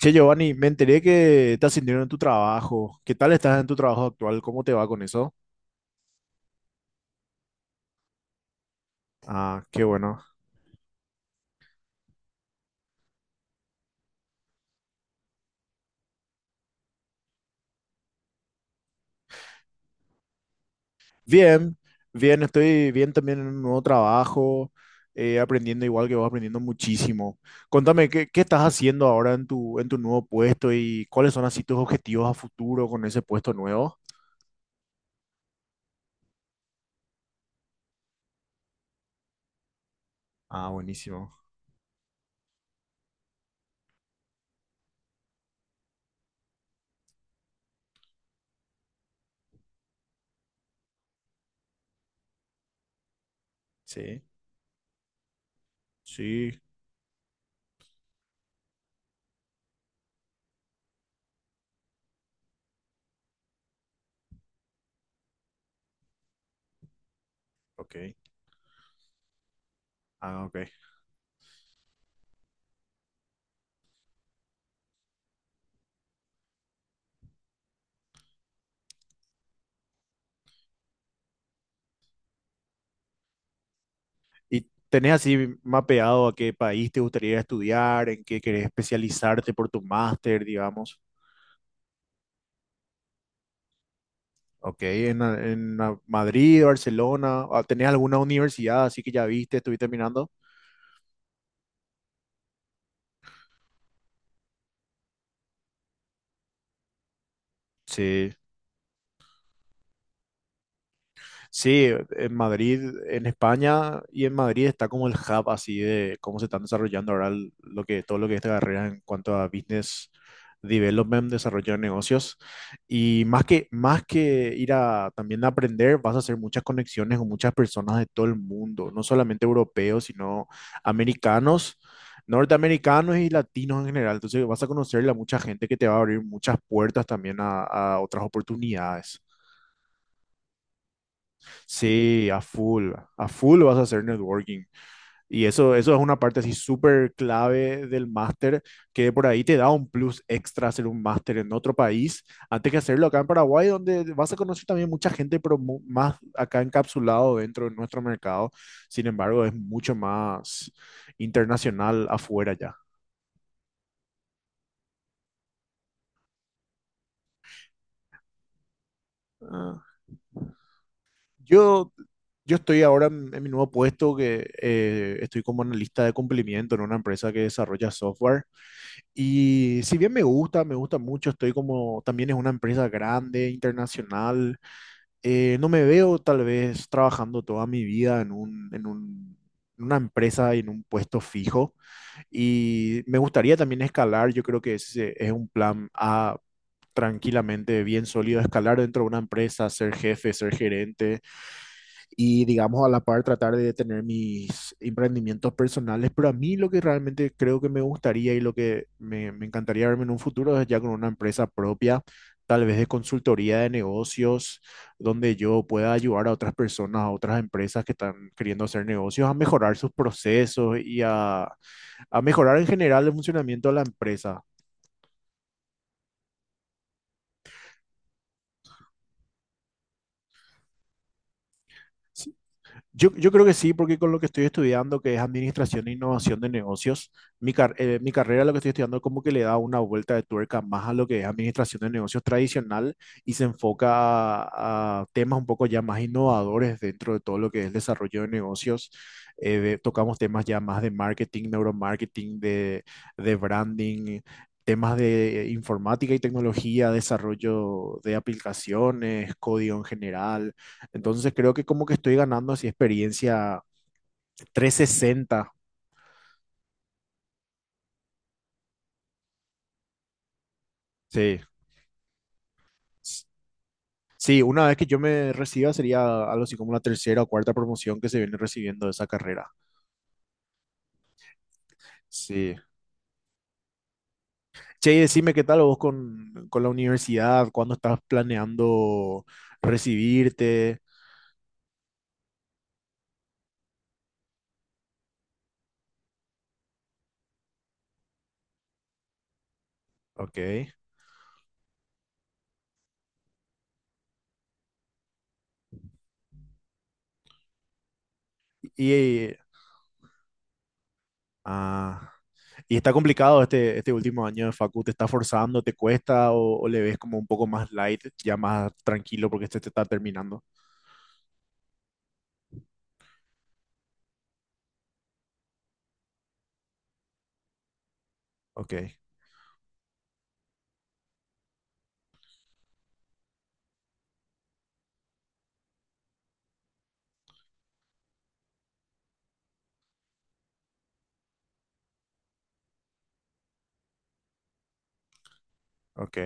Che, Giovanni, me enteré que estás sintiendo en tu trabajo. ¿Qué tal estás en tu trabajo actual? ¿Cómo te va con eso? Ah, qué bueno. Bien, bien, estoy bien también en un nuevo trabajo, aprendiendo igual que vos, aprendiendo muchísimo. Contame, ¿qué estás haciendo ahora en tu nuevo puesto y cuáles son así tus objetivos a futuro con ese puesto nuevo? Ah, buenísimo. Sí, sí, ok. Ah, ok. ¿Y tenés así mapeado a qué país te gustaría estudiar, en qué querés especializarte por tu máster, digamos? Ok, en Madrid, Barcelona, ¿tenés alguna universidad así que ya viste, estuviste mirando? Sí. Sí, en Madrid, en España y en Madrid está como el hub así de cómo se están desarrollando ahora todo lo que es esta carrera en cuanto a business development, desarrollo de negocios. Y más que ir a también a aprender, vas a hacer muchas conexiones con muchas personas de todo el mundo, no solamente europeos, sino americanos, norteamericanos y latinos en general. Entonces vas a conocerle a mucha gente que te va a abrir muchas puertas también a otras oportunidades. Sí, a full vas a hacer networking. Y eso es una parte así súper clave del máster, que por ahí te da un plus extra hacer un máster en otro país, antes que hacerlo acá en Paraguay, donde vas a conocer también mucha gente, pero más acá encapsulado dentro de nuestro mercado. Sin embargo, es mucho más internacional afuera ya. Ah. Yo, yo estoy ahora en mi nuevo puesto que estoy como analista de cumplimiento en una empresa que desarrolla software. Y si bien me gusta mucho, estoy como, también es una empresa grande, internacional, no me veo tal vez trabajando toda mi vida en una empresa y en un puesto fijo. Y me gustaría también escalar, yo creo que ese es un plan A tranquilamente bien sólido, escalar dentro de una empresa, ser jefe, ser gerente y digamos a la par tratar de tener mis emprendimientos personales, pero a mí lo que realmente creo que me gustaría y lo que me encantaría verme en un futuro es ya con una empresa propia, tal vez de consultoría de negocios, donde yo pueda ayudar a otras personas, a otras empresas que están queriendo hacer negocios, a mejorar sus procesos y a mejorar en general el funcionamiento de la empresa. Yo creo que sí, porque con lo que estoy estudiando, que es Administración e Innovación de Negocios, mi carrera, lo que estoy estudiando, como que le da una vuelta de tuerca más a lo que es Administración de Negocios tradicional y se enfoca a temas un poco ya más innovadores dentro de todo lo que es desarrollo de negocios. Tocamos temas ya más de marketing, neuromarketing, de branding, temas de informática y tecnología, desarrollo de aplicaciones, código en general. Entonces creo que como que estoy ganando así experiencia 360. Sí. S- Sí, una vez que yo me reciba sería algo así como la tercera o cuarta promoción que se viene recibiendo de esa carrera. Sí. Che, y decime qué tal vos con la universidad, cuándo estás planeando recibirte. Ok. Y, ah, y está complicado este último año de facu, ¿te está forzando, te cuesta o le ves como un poco más light, ya más tranquilo porque este te está terminando? Ok, ok.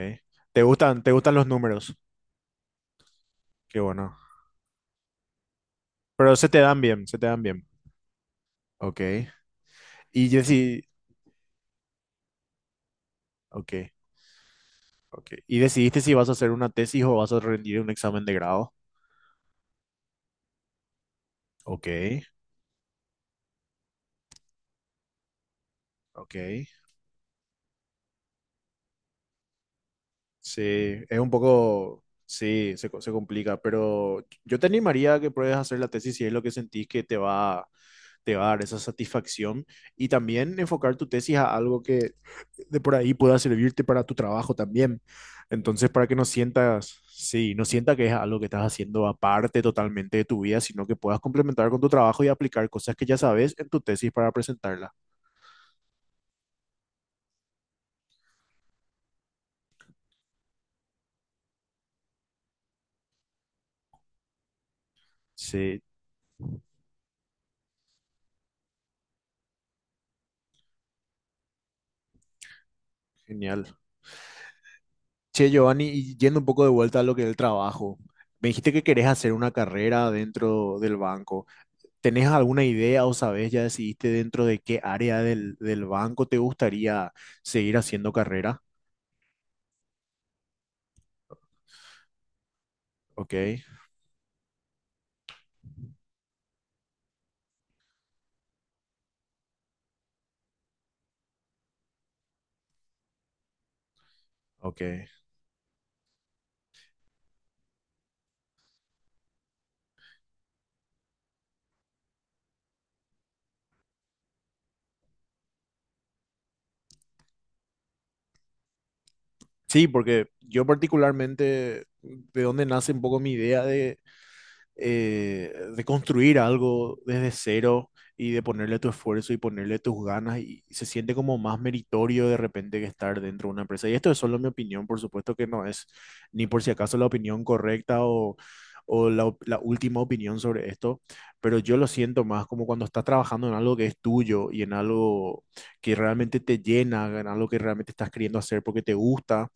¿Te gustan los números? Qué bueno. Pero se te dan bien, se te dan bien. Ok. Y deci- ok, ok. ¿Y decidiste si vas a hacer una tesis o vas a rendir un examen de grado? Ok, ok. Sí, es un poco, sí, se complica, pero yo te animaría a que pruebes a hacer la tesis si es lo que sentís que te va a dar esa satisfacción y también enfocar tu tesis a algo que de por ahí pueda servirte para tu trabajo también. Entonces, para que no sientas, sí, no sienta que es algo que estás haciendo aparte totalmente de tu vida, sino que puedas complementar con tu trabajo y aplicar cosas que ya sabes en tu tesis para presentarla. Sí, genial. Che, Giovanni, y yendo un poco de vuelta a lo que es el trabajo, me dijiste que querés hacer una carrera dentro del banco. ¿Tenés alguna idea o sabes, ya decidiste dentro de qué área del banco te gustaría seguir haciendo carrera? Ok, ok. Sí, porque yo particularmente, de dónde nace un poco mi idea de construir algo desde cero y de ponerle tu esfuerzo y ponerle tus ganas y se siente como más meritorio de repente que estar dentro de una empresa. Y esto es solo mi opinión, por supuesto que no es ni por si acaso la opinión correcta o la última opinión sobre esto, pero yo lo siento más como cuando estás trabajando en algo que es tuyo y en algo que realmente te llena, en algo que realmente estás queriendo hacer porque te gusta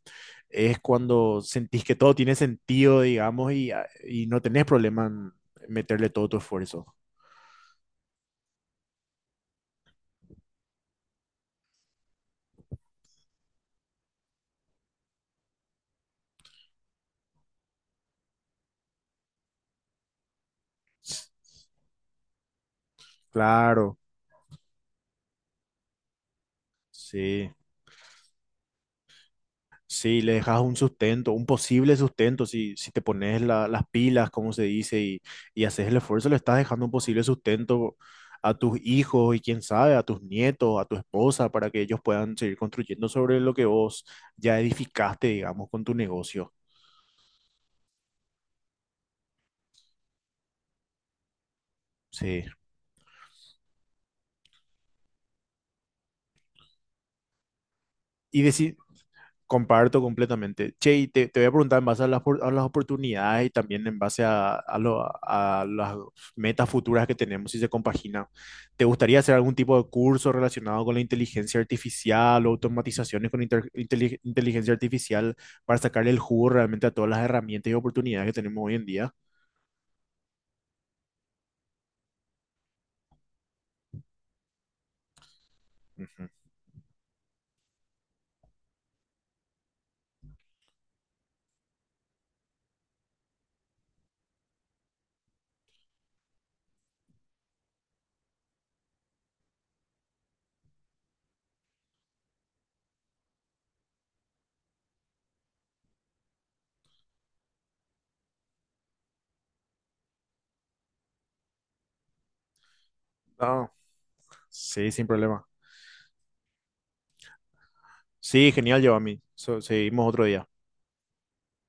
es cuando sentís que todo tiene sentido, digamos, y no tenés problema en meterle todo tu esfuerzo. Claro, sí. Sí, le dejas un sustento, un posible sustento, si te pones las pilas, como se dice, y haces el esfuerzo, le estás dejando un posible sustento a tus hijos y quién sabe, a tus nietos, a tu esposa, para que ellos puedan seguir construyendo sobre lo que vos ya edificaste, digamos, con tu negocio. Sí. Y decir, comparto completamente. Che, y te voy a preguntar en base a las oportunidades y también en base a las metas futuras que tenemos, si se compagina. ¿Te gustaría hacer algún tipo de curso relacionado con la inteligencia artificial o automatizaciones con inteligencia artificial para sacarle el jugo realmente a todas las herramientas y oportunidades que tenemos hoy en día? Ujú. No, sí, sin problema. Sí, genial, Giovanni. Seguimos otro día.